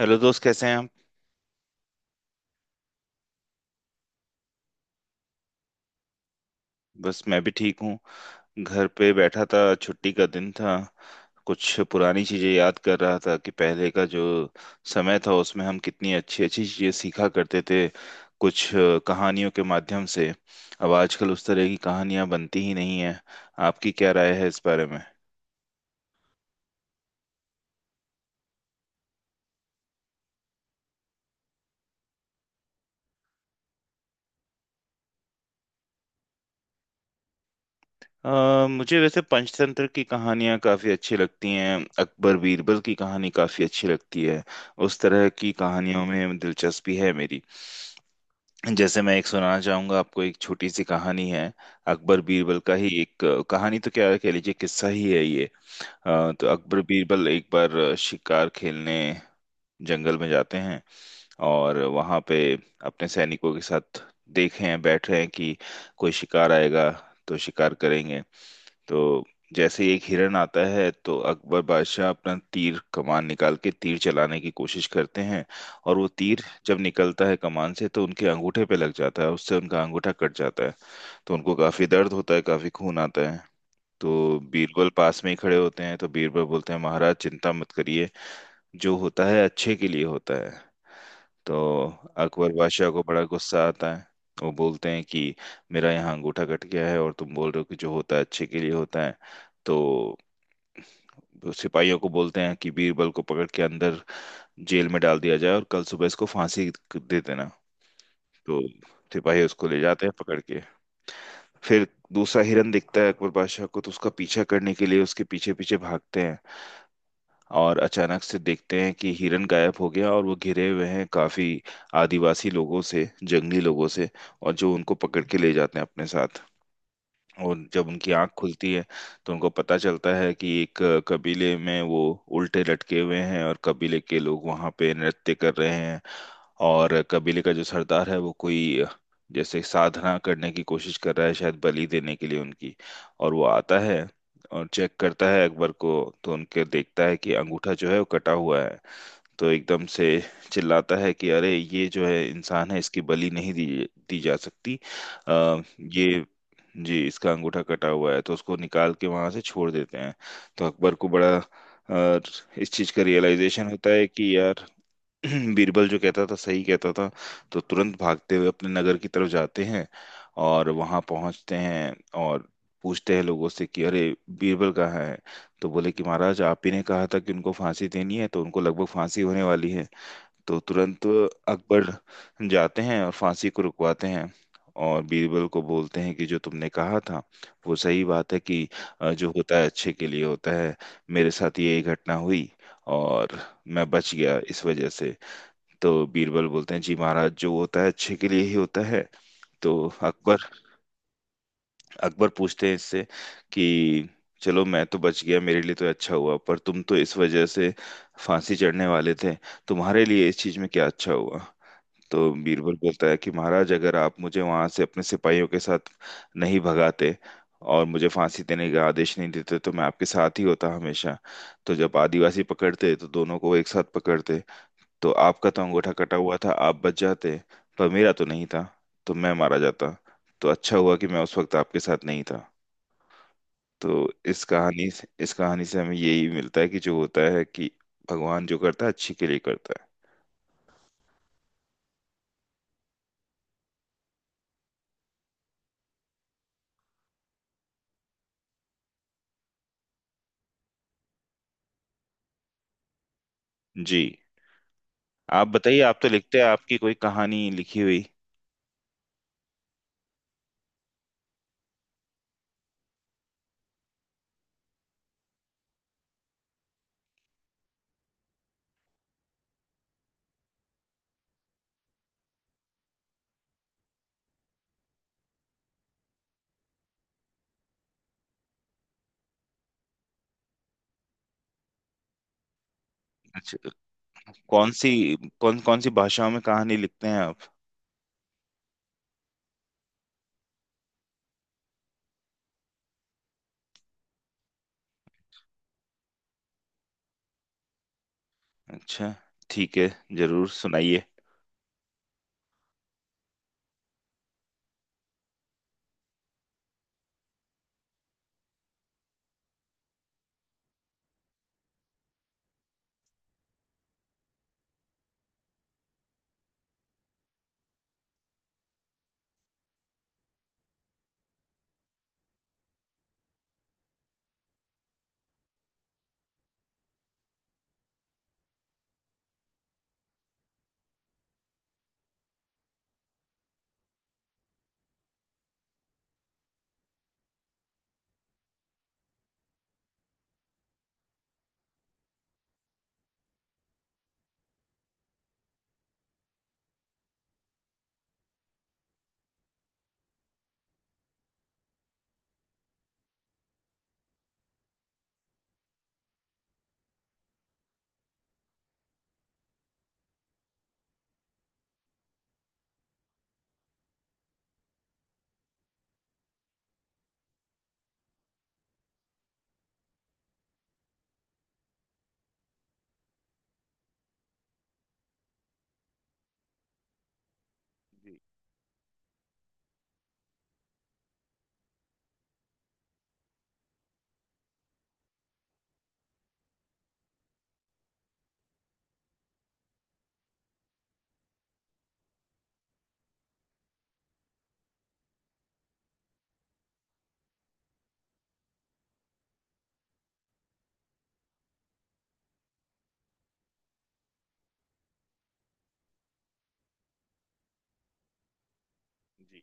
Hello दोस्त, कैसे हैं आप। बस मैं भी ठीक हूँ। घर पे बैठा था, छुट्टी का दिन था। कुछ पुरानी चीजें याद कर रहा था कि पहले का जो समय था उसमें हम कितनी अच्छी अच्छी चीजें सीखा करते थे कुछ कहानियों के माध्यम से। अब आजकल उस तरह की कहानियां बनती ही नहीं है। आपकी क्या राय है इस बारे में। मुझे वैसे पंचतंत्र की कहानियां काफी अच्छी लगती हैं। अकबर बीरबल की कहानी काफी अच्छी लगती है। उस तरह की कहानियों में दिलचस्पी है मेरी। जैसे मैं एक सुनाना चाहूंगा आपको, एक छोटी सी कहानी है। अकबर बीरबल का ही एक कहानी तो क्या कह लीजिए, किस्सा ही है ये। तो अकबर बीरबल एक बार शिकार खेलने जंगल में जाते हैं। और वहां पे अपने सैनिकों के साथ देखे हैं, बैठ रहे हैं कि कोई शिकार आएगा तो शिकार करेंगे। तो जैसे ही एक हिरन आता है तो अकबर बादशाह अपना तीर कमान निकाल के तीर चलाने की कोशिश करते हैं। और वो तीर जब निकलता है कमान से तो उनके अंगूठे पे लग जाता है, उससे उनका अंगूठा कट जाता है। तो उनको काफी दर्द होता है, काफी खून आता है। तो बीरबल पास में ही खड़े होते हैं, तो बीरबल बोलते हैं महाराज चिंता मत करिए, जो होता है अच्छे के लिए होता है। तो अकबर बादशाह को बड़ा गुस्सा आता है। वो बोलते हैं कि मेरा यहाँ अंगूठा कट गया है और तुम बोल रहे हो कि जो होता है अच्छे के लिए होता है। तो सिपाहियों को बोलते हैं कि बीरबल को पकड़ के अंदर जेल में डाल दिया जाए और कल सुबह इसको फांसी दे देना। तो सिपाही उसको ले जाते हैं पकड़ के। फिर दूसरा हिरन दिखता है अकबर बादशाह को, तो उसका पीछा करने के लिए उसके पीछे पीछे भागते हैं। और अचानक से देखते हैं कि हिरन गायब हो गया और वो घिरे हुए हैं काफी आदिवासी लोगों से, जंगली लोगों से। और जो उनको पकड़ के ले जाते हैं अपने साथ। और जब उनकी आंख खुलती है तो उनको पता चलता है कि एक कबीले में वो उल्टे लटके हुए हैं और कबीले के लोग वहां पे नृत्य कर रहे हैं। और कबीले का जो सरदार है वो कोई जैसे साधना करने की कोशिश कर रहा है, शायद बलि देने के लिए उनकी। और वो आता है और चेक करता है अकबर को, तो उनके देखता है कि अंगूठा जो है वो कटा हुआ है। तो एकदम से चिल्लाता है कि अरे ये जो है इंसान है, इसकी बलि नहीं दी दी जा सकती। आ, ये जी इसका अंगूठा कटा हुआ है, तो उसको निकाल के वहां से छोड़ देते हैं। तो अकबर को बड़ा इस चीज का रियलाइजेशन होता है कि यार बीरबल जो कहता था सही कहता था। तो तुरंत भागते हुए अपने नगर की तरफ जाते हैं और वहां पहुंचते हैं। और पूछते हैं लोगों से कि अरे बीरबल कहाँ है। तो बोले कि महाराज आप ही ने कहा था कि उनको फांसी देनी है, तो उनको लगभग फांसी होने वाली है। तो तुरंत अकबर जाते हैं और फांसी को रुकवाते हैं। और बीरबल को बोलते हैं कि जो तुमने कहा था वो सही बात है कि जो होता है अच्छे के लिए होता है। मेरे साथ ये घटना हुई और मैं बच गया इस वजह से। तो बीरबल बोलते हैं जी महाराज जो होता है अच्छे के लिए ही होता है। तो अकबर अकबर पूछते हैं इससे कि चलो मैं तो बच गया, मेरे लिए तो अच्छा हुआ, पर तुम तो इस वजह से फांसी चढ़ने वाले थे, तुम्हारे लिए इस चीज में क्या अच्छा हुआ। तो बीरबल बोलता है कि महाराज अगर आप मुझे वहां से अपने सिपाहियों के साथ नहीं भगाते और मुझे फांसी देने का आदेश नहीं देते तो मैं आपके साथ ही होता हमेशा। तो जब आदिवासी पकड़ते तो दोनों को एक साथ पकड़ते। तो आपका तो अंगूठा कटा हुआ था, आप बच जाते, पर मेरा तो नहीं था तो मैं मारा जाता। तो अच्छा हुआ कि मैं उस वक्त आपके साथ नहीं था। तो इस कहानी से हमें यही मिलता है कि जो होता है कि भगवान जो करता है अच्छे के लिए करता है जी। आप बताइए, आप तो लिखते हैं, आपकी कोई कहानी लिखी हुई। अच्छा। कौन सी, कौन कौन सी भाषाओं में कहानी लिखते हैं आप। अच्छा, ठीक है। जरूर सुनाइए। जी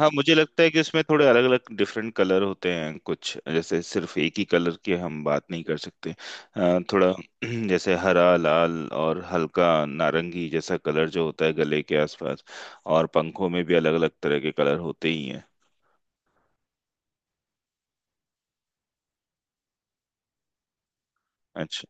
हाँ, मुझे लगता है कि उसमें थोड़े अलग अलग डिफरेंट कलर होते हैं, कुछ जैसे सिर्फ एक ही कलर की हम बात नहीं कर सकते। थोड़ा जैसे हरा, लाल और हल्का नारंगी जैसा कलर जो होता है गले के आसपास। और पंखों में भी अलग अलग तरह के कलर होते ही हैं। अच्छा।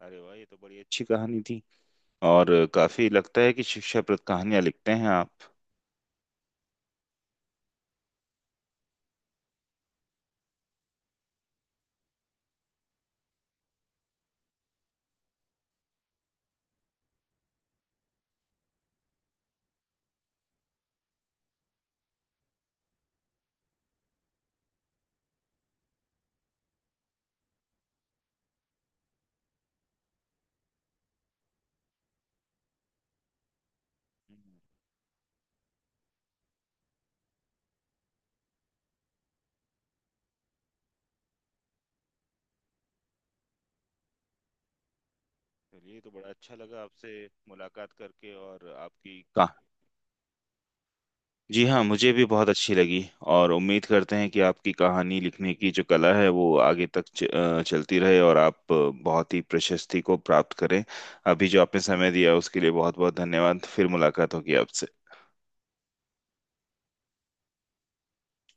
अरे वाह, ये तो बड़ी अच्छी कहानी थी। और काफी लगता है कि शिक्षाप्रद कहानियां लिखते हैं आप। हम्म। चलिए, ये तो बड़ा अच्छा लगा आपसे मुलाकात करके और आपकी। जी हाँ, मुझे भी बहुत अच्छी लगी। और उम्मीद करते हैं कि आपकी कहानी लिखने की जो कला है वो आगे तक चलती रहे। और आप बहुत ही प्रशस्ति को प्राप्त करें। अभी जो आपने समय दिया उसके लिए बहुत बहुत धन्यवाद। फिर मुलाकात होगी आपसे।